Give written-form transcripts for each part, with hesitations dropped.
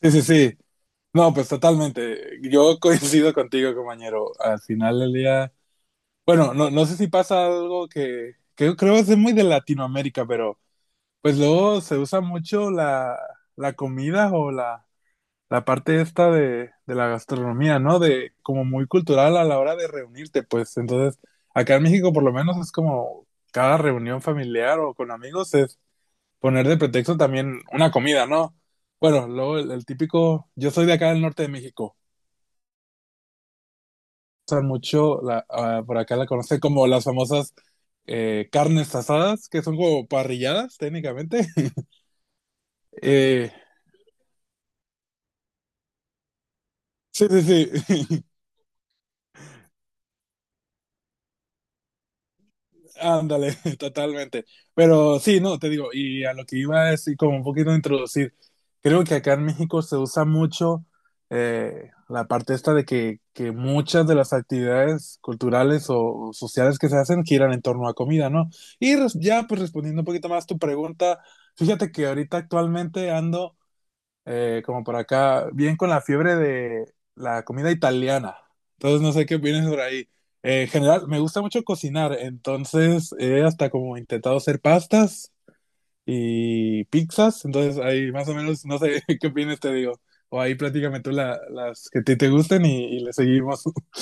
Sí, sí, sí. No, pues totalmente. Yo coincido contigo, compañero. Al final del día, bueno, no, no sé si pasa algo que yo creo es muy de Latinoamérica, pero pues luego se usa mucho la comida o la parte esta de la gastronomía, ¿no? De como muy cultural a la hora de reunirte, pues. Entonces, acá en México por lo menos es como cada reunión familiar o con amigos es poner de pretexto también una comida, ¿no? Bueno, luego el típico, yo soy de acá del norte de México, usan mucho, la, por acá la conocen como las famosas carnes asadas, que son como parrilladas técnicamente. Eh, sí, sí, sí. Ándale, totalmente. Pero sí, no, te digo, y a lo que iba es decir, como un poquito introducir, creo que acá en México se usa mucho la parte esta de que muchas de las actividades culturales o sociales que se hacen giran en torno a comida, ¿no? Y ya, pues respondiendo un poquito más tu pregunta, fíjate que ahorita actualmente ando como por acá, bien con la fiebre de la comida italiana. Entonces no sé qué opinas por ahí. En general, me gusta mucho cocinar, entonces he hasta como intentado hacer pastas y pizzas, entonces ahí más o menos, no sé qué opinas, te digo. O ahí platícame tú las que a ti te gusten y le seguimos.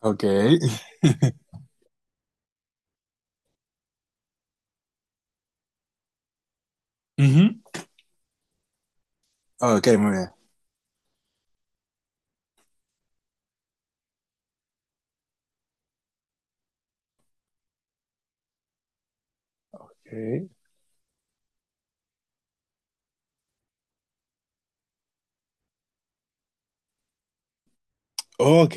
Ok. Ujú. Ok, muy bien. Ok.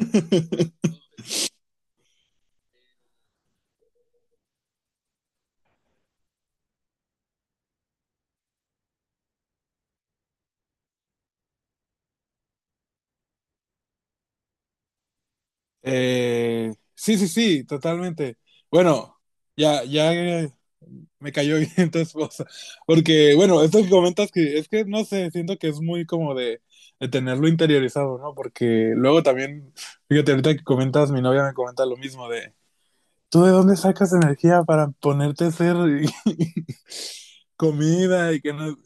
Ok. Sí, sí, sí, totalmente. Bueno, ya me cayó bien tu esposa. Porque, bueno, esto que comentas que es que no sé, siento que es muy como de tenerlo interiorizado, ¿no? Porque luego también, fíjate, ahorita que comentas, mi novia me comenta lo mismo de, ¿tú de dónde sacas energía para ponerte a hacer comida y que no...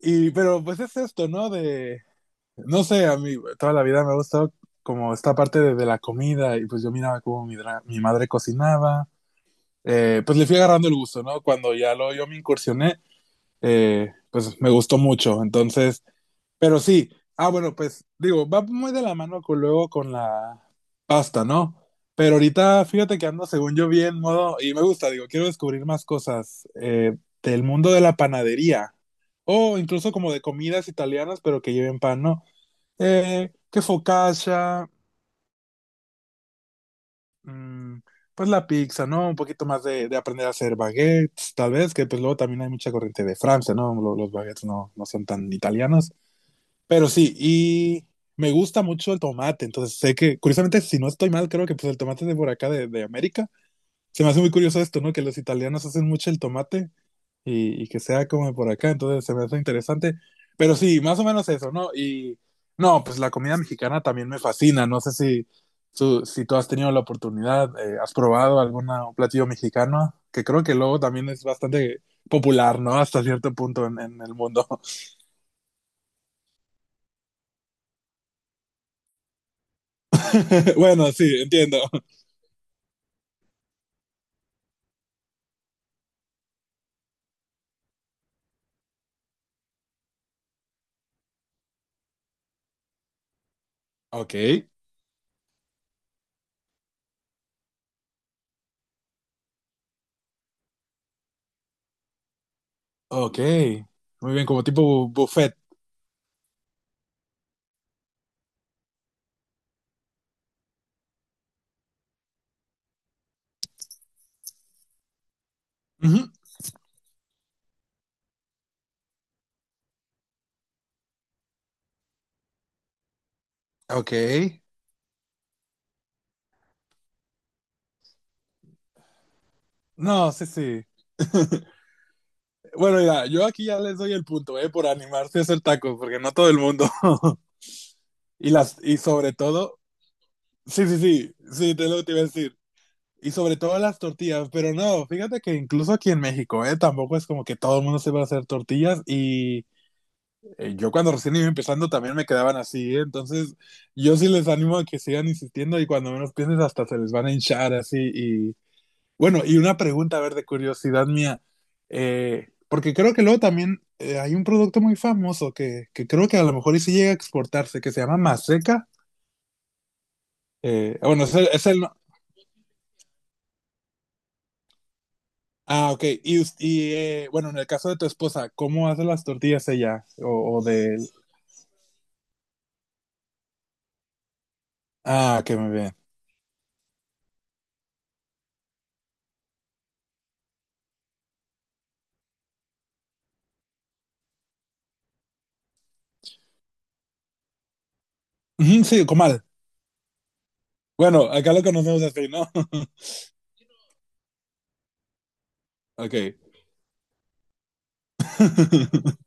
Y, pero pues es esto, ¿no? De, no sé, a mí toda la vida me ha gustado como esta parte de la comida y pues yo miraba cómo mi, mi madre cocinaba. Pues le fui agarrando el gusto, ¿no? Cuando ya lo yo me incursioné, pues me gustó mucho. Entonces, pero sí, ah, bueno, pues digo, va muy de la mano con, luego con la pasta, ¿no? Pero ahorita fíjate que ando, según yo, bien modo, y me gusta, digo, quiero descubrir más cosas del mundo de la panadería o incluso como de comidas italianas, pero que lleven pan, ¿no? Que focaccia, mm, pues la pizza, ¿no? Un poquito más de aprender a hacer baguettes, tal vez, que pues luego también hay mucha corriente de Francia, ¿no? Los, baguettes no, no son tan italianos, pero sí, y me gusta mucho el tomate, entonces sé que, curiosamente, si no estoy mal, creo que pues el tomate es de por acá, de América. Se me hace muy curioso esto, ¿no? Que los italianos hacen mucho el tomate y que sea como por acá, entonces se me hace interesante. Pero sí, más o menos eso, ¿no? Y no, pues la comida mexicana también me fascina, no sé si, si tú has tenido la oportunidad, has probado algún platillo mexicano, que creo que luego también es bastante popular, ¿no? Hasta cierto punto en el mundo. Bueno, sí, entiendo. Ok, ok. Muy bien, como tipo buffet. Ujú. Ok. No, sí, sí. Bueno, mira, yo aquí ya les doy el punto, ¿eh? Por animarse a hacer tacos, porque no todo el mundo. Y las, y sobre todo, sí, sí, sí, sí, te lo que te iba a decir. Y sobre todo las tortillas, pero no, fíjate que incluso aquí en México, ¿eh? Tampoco es como que todo el mundo se va a hacer tortillas y yo cuando recién iba empezando también me quedaban así, ¿eh? Entonces, yo sí les animo a que sigan insistiendo y cuando menos pienses hasta se les van a hinchar así y bueno, y una pregunta, a ver, de curiosidad mía, porque creo que luego también hay un producto muy famoso que creo que a lo mejor y sí llega a exportarse, que se llama Maseca. Ah, bueno, es el, ah, ok. Y, y, bueno, en el caso de tu esposa, ¿cómo hace las tortillas ella? O de... Ah, que me bien. Ujú, sí, comal. Bueno, acá lo conocemos así, ¿no? Ok.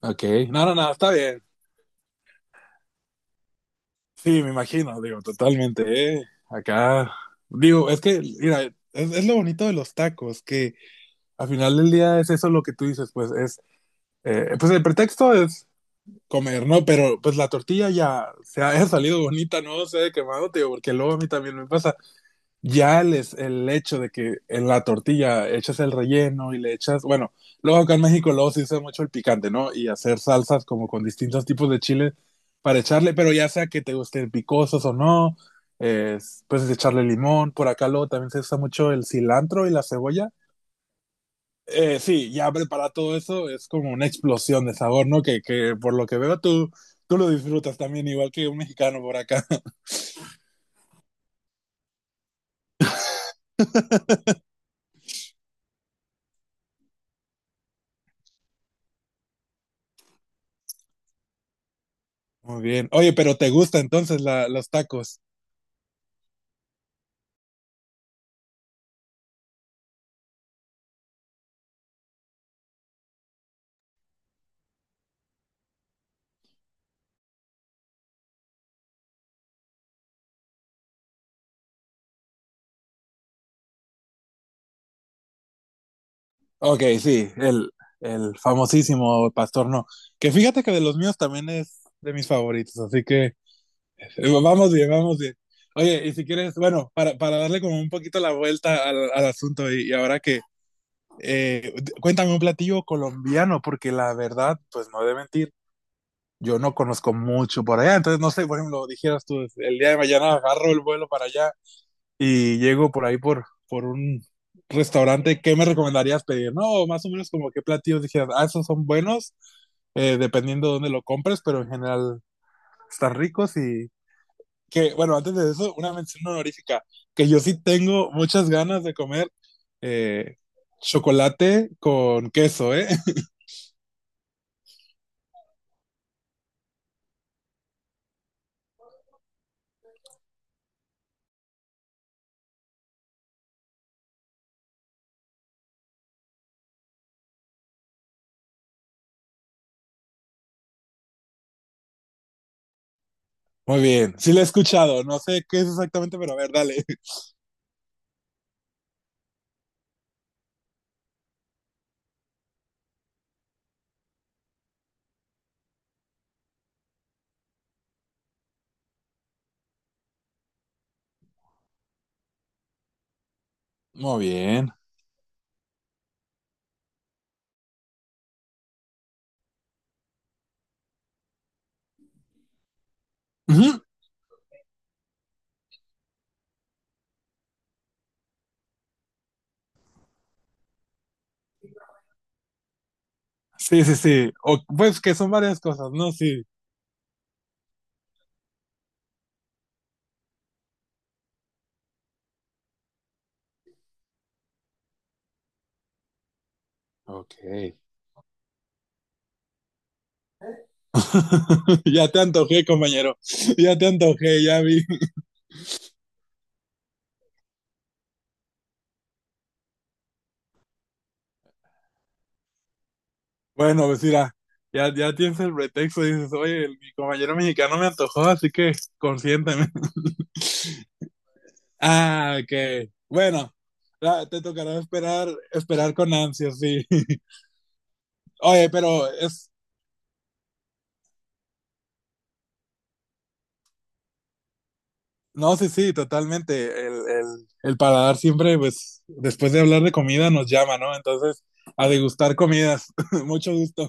Ok. No, no, no, está bien. Sí, me imagino, digo, totalmente, ¿eh? Acá, digo, es que, mira, es lo bonito de los tacos, que al final del día es eso lo que tú dices, pues es, pues el pretexto es comer, ¿no? Pero pues la tortilla ya se ha salido bonita, no se ha quemado, tío, porque luego a mí también me pasa. Ya el, el hecho de que en la tortilla echas el relleno y le echas, bueno, luego acá en México luego se usa mucho el picante, ¿no? Y hacer salsas como con distintos tipos de chile para echarle, pero ya sea que te gusten picosos o no, es, puedes echarle limón, por acá luego también se usa mucho el cilantro y la cebolla. Sí, ya preparar todo eso es como una explosión de sabor, ¿no? Que por lo que veo tú, tú lo disfrutas también, igual que un mexicano por acá. Muy bien. Oye, pero ¿te gusta entonces la, los tacos? Ok, sí, el famosísimo Pastor No. Que fíjate que de los míos también es de mis favoritos, así que vamos bien, vamos bien. Oye, y si quieres, bueno, para darle como un poquito la vuelta al, al asunto y ahora que, cuéntame un platillo colombiano, porque la verdad, pues no he de mentir, yo no conozco mucho por allá, entonces no sé, por ejemplo, dijeras tú, el día de mañana agarro el vuelo para allá y llego por ahí por un restaurante, ¿qué me recomendarías pedir? No, más o menos como qué platillos dijeras, ah, esos son buenos, dependiendo de dónde lo compres, pero en general están ricos y que, bueno, antes de eso, una mención honorífica, que yo sí tengo muchas ganas de comer eh, chocolate con queso, ¿eh? Muy bien, sí lo he escuchado, no sé qué es exactamente, pero a ver, dale. Muy bien. Ujú. Sí, sí, sí. O, pues que son varias cosas, ¿no? Sí. Ok. ya te antojé, compañero. Ya te antojé, ya vi. Bueno, pues mira, ya, ya tienes el pretexto. Dices, oye, mi compañero mexicano me antojó, así que consiénteme. Ah, ok. Bueno, te tocará esperar, esperar con ansias, sí. Oye, pero es. No, sí, sí, totalmente. El paladar siempre, pues, después de hablar de comida, nos llama, ¿no? Entonces, a degustar comidas. Mucho gusto.